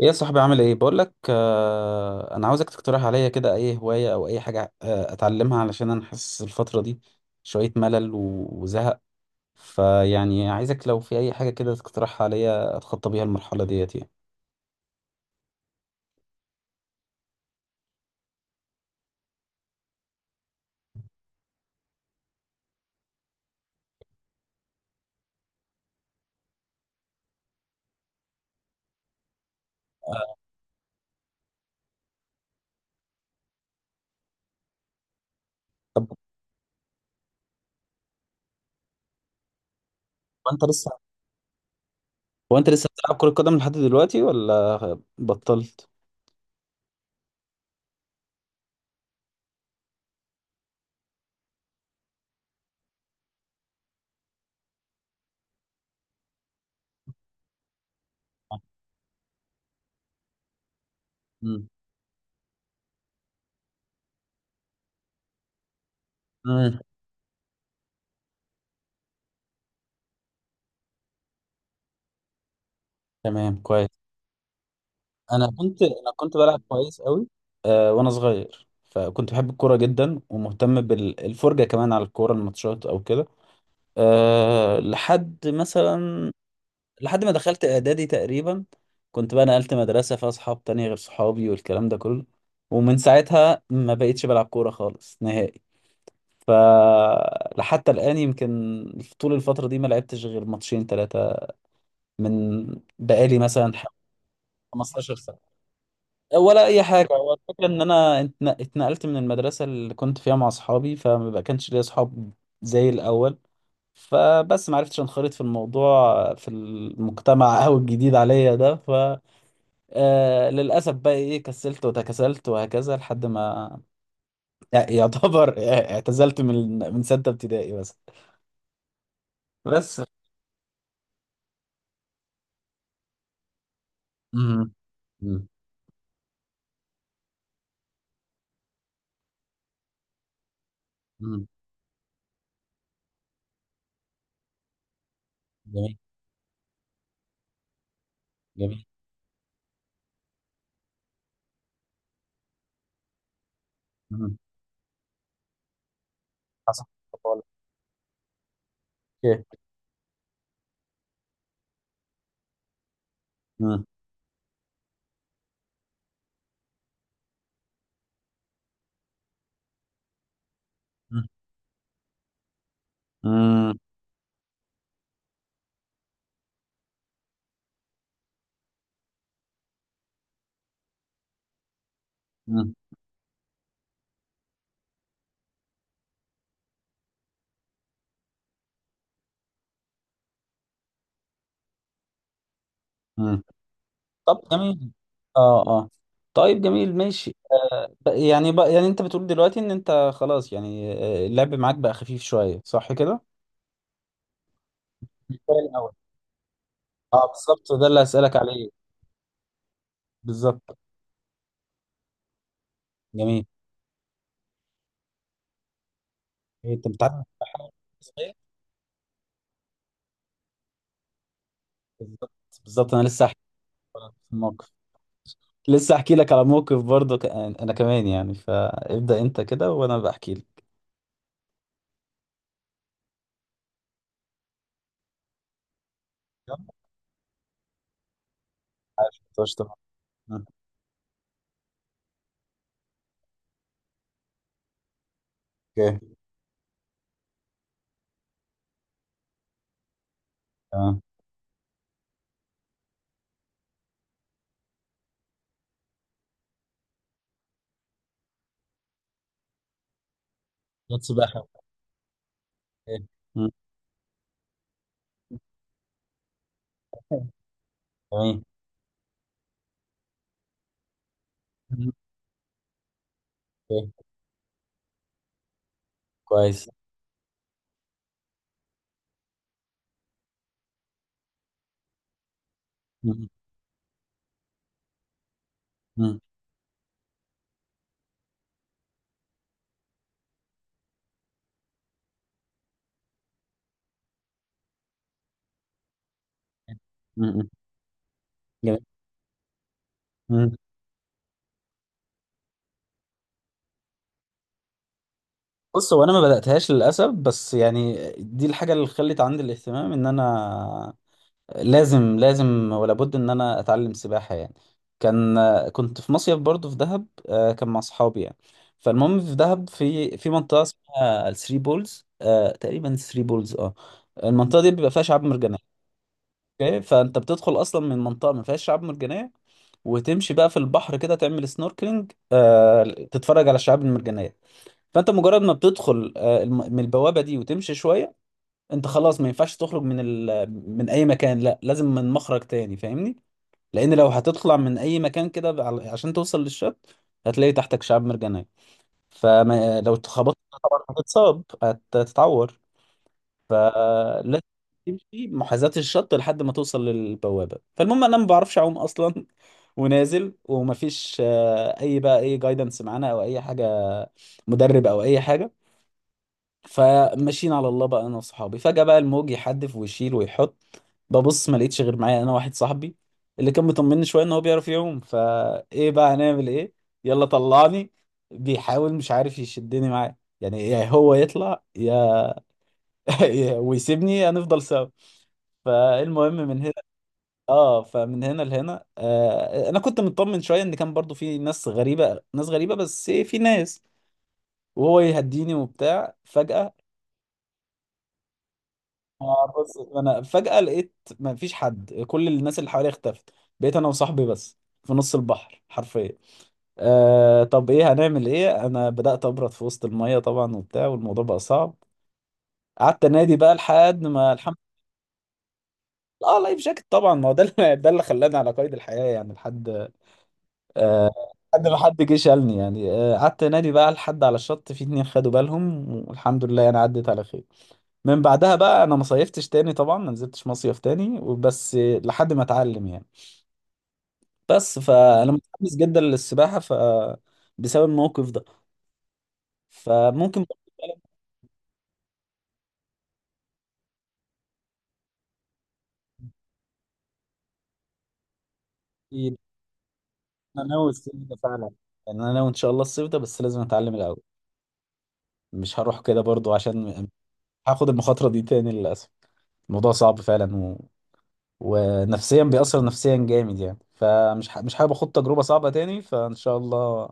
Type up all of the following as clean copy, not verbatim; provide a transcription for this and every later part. ايه يا صاحبي، عامل ايه؟ بقول لك، انا عاوزك تقترح عليا كده اي هوايه او اي حاجه اتعلمها، علشان انا حاسس الفتره دي شويه ملل وزهق. فيعني عايزك لو في اي حاجه كده تقترحها عليا اتخطى بيها المرحله ديت يعني. طب وانت لسه وانت لسه بتلعب كره قدم لحد دلوقتي ولا بطلت؟ امم. امم. تمام كويس. انا كنت بلعب كويس قوي. وانا صغير فكنت بحب الكوره جدا ومهتم بالفرجه كمان على الكوره، الماتشات او كده. أه لحد مثلا لحد ما دخلت اعدادي تقريبا، كنت بقى نقلت مدرسة فيها صحاب تانية غير صحابي والكلام ده كله. ومن ساعتها ما بقيتش بلعب كورة خالص نهائي. ف لحتى الآن يمكن طول الفترة دي ما لعبتش غير ماتشين ثلاثة. من بقالي مثلا حوالي 15 سنة ولا اي حاجه. هو الفكره ان انا اتنقلت من المدرسه اللي كنت فيها مع اصحابي، فما بقى كانش ليا اصحاب زي الاول. فبس ما عرفتش انخرط في الموضوع، في المجتمع او الجديد عليا ده. ف للاسف بقى ايه، كسلت وتكاسلت وهكذا لحد ما يعتبر اعتزلت من سته ابتدائي بس. بس. مم. مم. مم. جميل. جميل. مم. حصل. اوكي. مم. مم. مم. مم. طب جميل. اه اه. طيب جميل ماشي، يعني بقى يعني انت بتقول دلوقتي ان انت خلاص يعني، اللعب معاك بقى خفيف شويه، صح كده؟ مش زي الاول. اه بالظبط، ده اللي هسألك عليه. بالظبط. جميل. إيه، انت بتعرف؟ صغير. بالظبط. بالظبط انا لسه احكي لك في الموقف. لسه احكي لك على موقف برضه انا كمان يعني، فابدأ انت كده وانا بحكي لك. يلا. طيب، طبعا. اوكي. تمام. سباحه. اوكي. مم. تمام. اوكي. كويس. مم. مم. مم. جميل. مم. بص، هو انا ما بداتهاش للاسف، بس يعني دي الحاجه اللي خلت عندي الاهتمام ان انا لازم ولا بد ان انا اتعلم سباحه يعني. كان كنت في مصيف برضو في دهب، كان مع اصحابي يعني. فالمهم في دهب، في منطقه اسمها الثري بولز، تقريبا ثري بولز اه. المنطقه دي بيبقى فيها شعاب مرجانيه. اوكي، فانت بتدخل اصلا من منطقه ما فيهاش شعاب مرجانيه، وتمشي بقى في البحر كده تعمل سنوركلينج، تتفرج على الشعاب المرجانيه. فانت مجرد ما بتدخل من البوابه دي وتمشي شويه، انت خلاص ما ينفعش تخرج من ال... من اي مكان، لا لازم من مخرج تاني فاهمني. لان لو هتطلع من اي مكان كده، عشان توصل للشط، هتلاقي تحتك شعاب مرجانيه. فلو اتخبطت طبعا هتتصاب، هتتعور. فلازم تمشي محاذاة الشط لحد ما توصل للبوابة. فالمهم انا ما بعرفش اعوم اصلا ونازل ومفيش اي بقى اي جايدنس معانا او اي حاجة، مدرب او اي حاجة. فماشيين على الله بقى انا وصحابي، فجأة بقى الموج يحدف ويشيل ويحط. ببص ما لقيتش غير معايا انا واحد صاحبي اللي كان مطمني شوية ان هو بيعرف يعوم. فايه بقى، هنعمل ايه؟ يلا طلعني. بيحاول، مش عارف يشدني معاه يعني، يا هو يطلع يا ويسيبني هنفضل سوا. فالمهم من هنا. اه، فمن هنا لهنا، انا كنت مطمن شويه ان كان برضو في ناس غريبه، ناس غريبه بس إيه، في ناس وهو يهديني وبتاع. فجاه، بص انا فجاه لقيت ما فيش حد، كل الناس اللي حواليا اختفت. بقيت انا وصاحبي بس في نص البحر حرفيا. طب ايه، هنعمل ايه؟ انا بدات ابرد في وسط الميه طبعا وبتاع، والموضوع بقى صعب. قعدت انادي بقى لحد ما الحمد. اه لايف جاكيت طبعا، ما هو ده اللي ده اللي خلاني على قيد الحياه يعني. لحد آه لحد ما حد جه شالني يعني. قعدت انادي بقى لحد على الشط في اتنين خدوا بالهم، والحمد لله انا عدت على خير. من بعدها بقى انا ما صيفتش تاني طبعا، ما نزلتش مصيف تاني، وبس لحد ما اتعلم يعني. بس فانا متحمس جدا للسباحه ف بسبب الموقف ده. فممكن برضه فعلاً، انا ناوي الصيف ده فعلا. يعني انا ناوي ان شاء الله الصيف ده، بس لازم اتعلم الاول. مش هروح كده برضو عشان هاخد المخاطره دي تاني للاسف. الموضوع صعب فعلا و... ونفسيا بيأثر نفسيا جامد يعني، فمش ح... مش حابب اخد تجربة صعبة تاني، فان شاء الله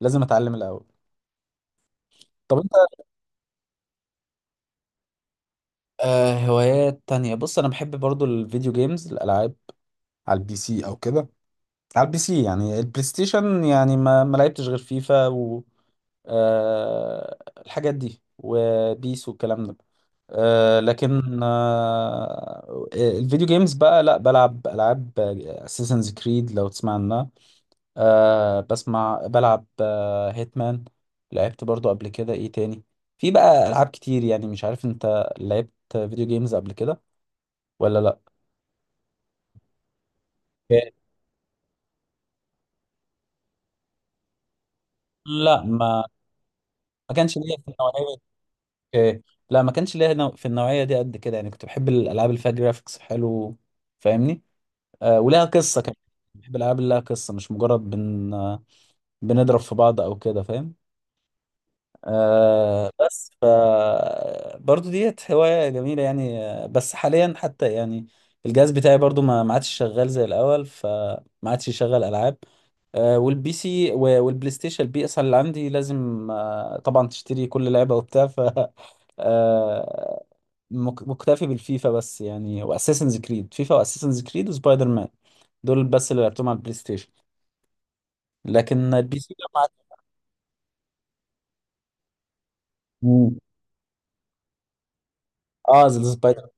لازم اتعلم الاول. طب انت، هوايات تانية، بص انا بحب برضو الفيديو جيمز، الالعاب على البي سي او كده. على البي سي يعني البلاي ستيشن يعني، ما لعبتش غير فيفا و آه الحاجات دي وبيس والكلام ده. لكن الفيديو جيمز بقى، لا بلعب العاب اساسنز كريد لو تسمع عنها. بسمع. بلعب هيتمان، لعبت برضو قبل كده. ايه تاني؟ في بقى العاب كتير يعني. مش عارف انت لعبت فيديو جيمز قبل كده ولا لا؟ إيه. لا ما كانش ليا في النوعيه. إيه. لا ما كانش ليا في النوعيه دي قد كده يعني. كنت بحب الالعاب اللي فيها جرافيكس حلو فاهمني. أه ولها قصه كمان. بحب الالعاب اللي لها قصه، مش مجرد بن آه، بنضرب في بعض او كده فاهم. بس ف برضو ديت هواية جميلة يعني. بس حاليا حتى يعني الجهاز بتاعي برضو ما عادش شغال زي الأول، فما عادش يشغل ألعاب. والبي سي والبلاي ستيشن البي اس اللي عندي، لازم طبعا تشتري كل لعبة وبتاع ف آه. مكتفي بالفيفا بس يعني، واساسنز كريد. فيفا واساسنز كريد وسبايدر مان، دول بس اللي لعبتهم على البلاي ستيشن. لكن البي سي ده ما عاد-. مم. اه زي سبايدر.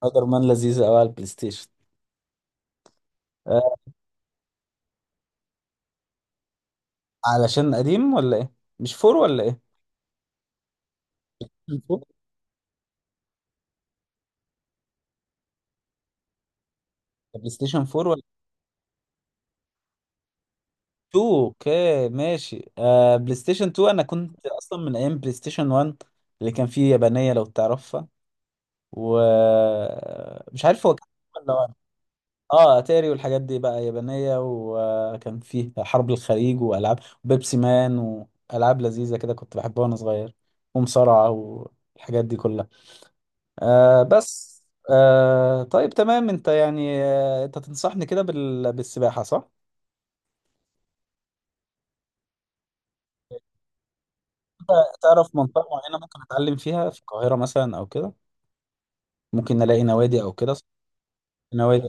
سبايدر مان لذيذ قوي على البلاي ستيشن. آه، علشان قديم ولا ايه؟ مش فور ولا ايه؟ الفور؟ بلاي ستيشن 4 ولا 2؟ اوكي ماشي. آه بلاي ستيشن 2، انا كنت اصلا من ايام بلاي ستيشن 1 اللي كان فيه يابانية لو تعرفها، و مش عارف هو كان ولا واحد. اه اتاري والحاجات دي بقى يابانية، وكان فيه حرب الخليج والعاب بيبسي مان والعاب لذيذة كده كنت بحبها وانا صغير، ومصارعة والحاجات دي كلها. بس. طيب تمام، انت يعني انت تنصحني كده بال... بالسباحة صح؟ انت تعرف منطقة معينة ممكن اتعلم فيها في القاهرة مثلا او كده؟ ممكن نلاقي نوادي او كده صح؟ نوادي.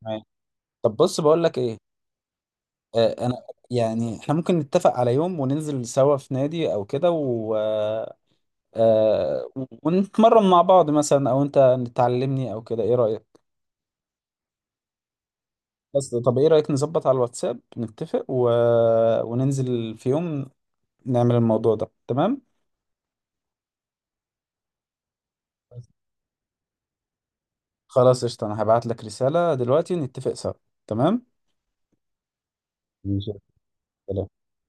تمام. طب بص بقول لك ايه، انا يعني احنا ممكن نتفق على يوم وننزل سوا في نادي او كده و... آه، ونتمرن مع بعض مثلا، او انت تعلمني او كده، ايه رأيك؟ بس طب ايه رأيك نظبط على الواتساب نتفق و... وننزل في يوم نعمل الموضوع ده تمام. خلاص قشطة، أنا هبعت لك رسالة دلوقتي نتفق سوا. تمام ماشي.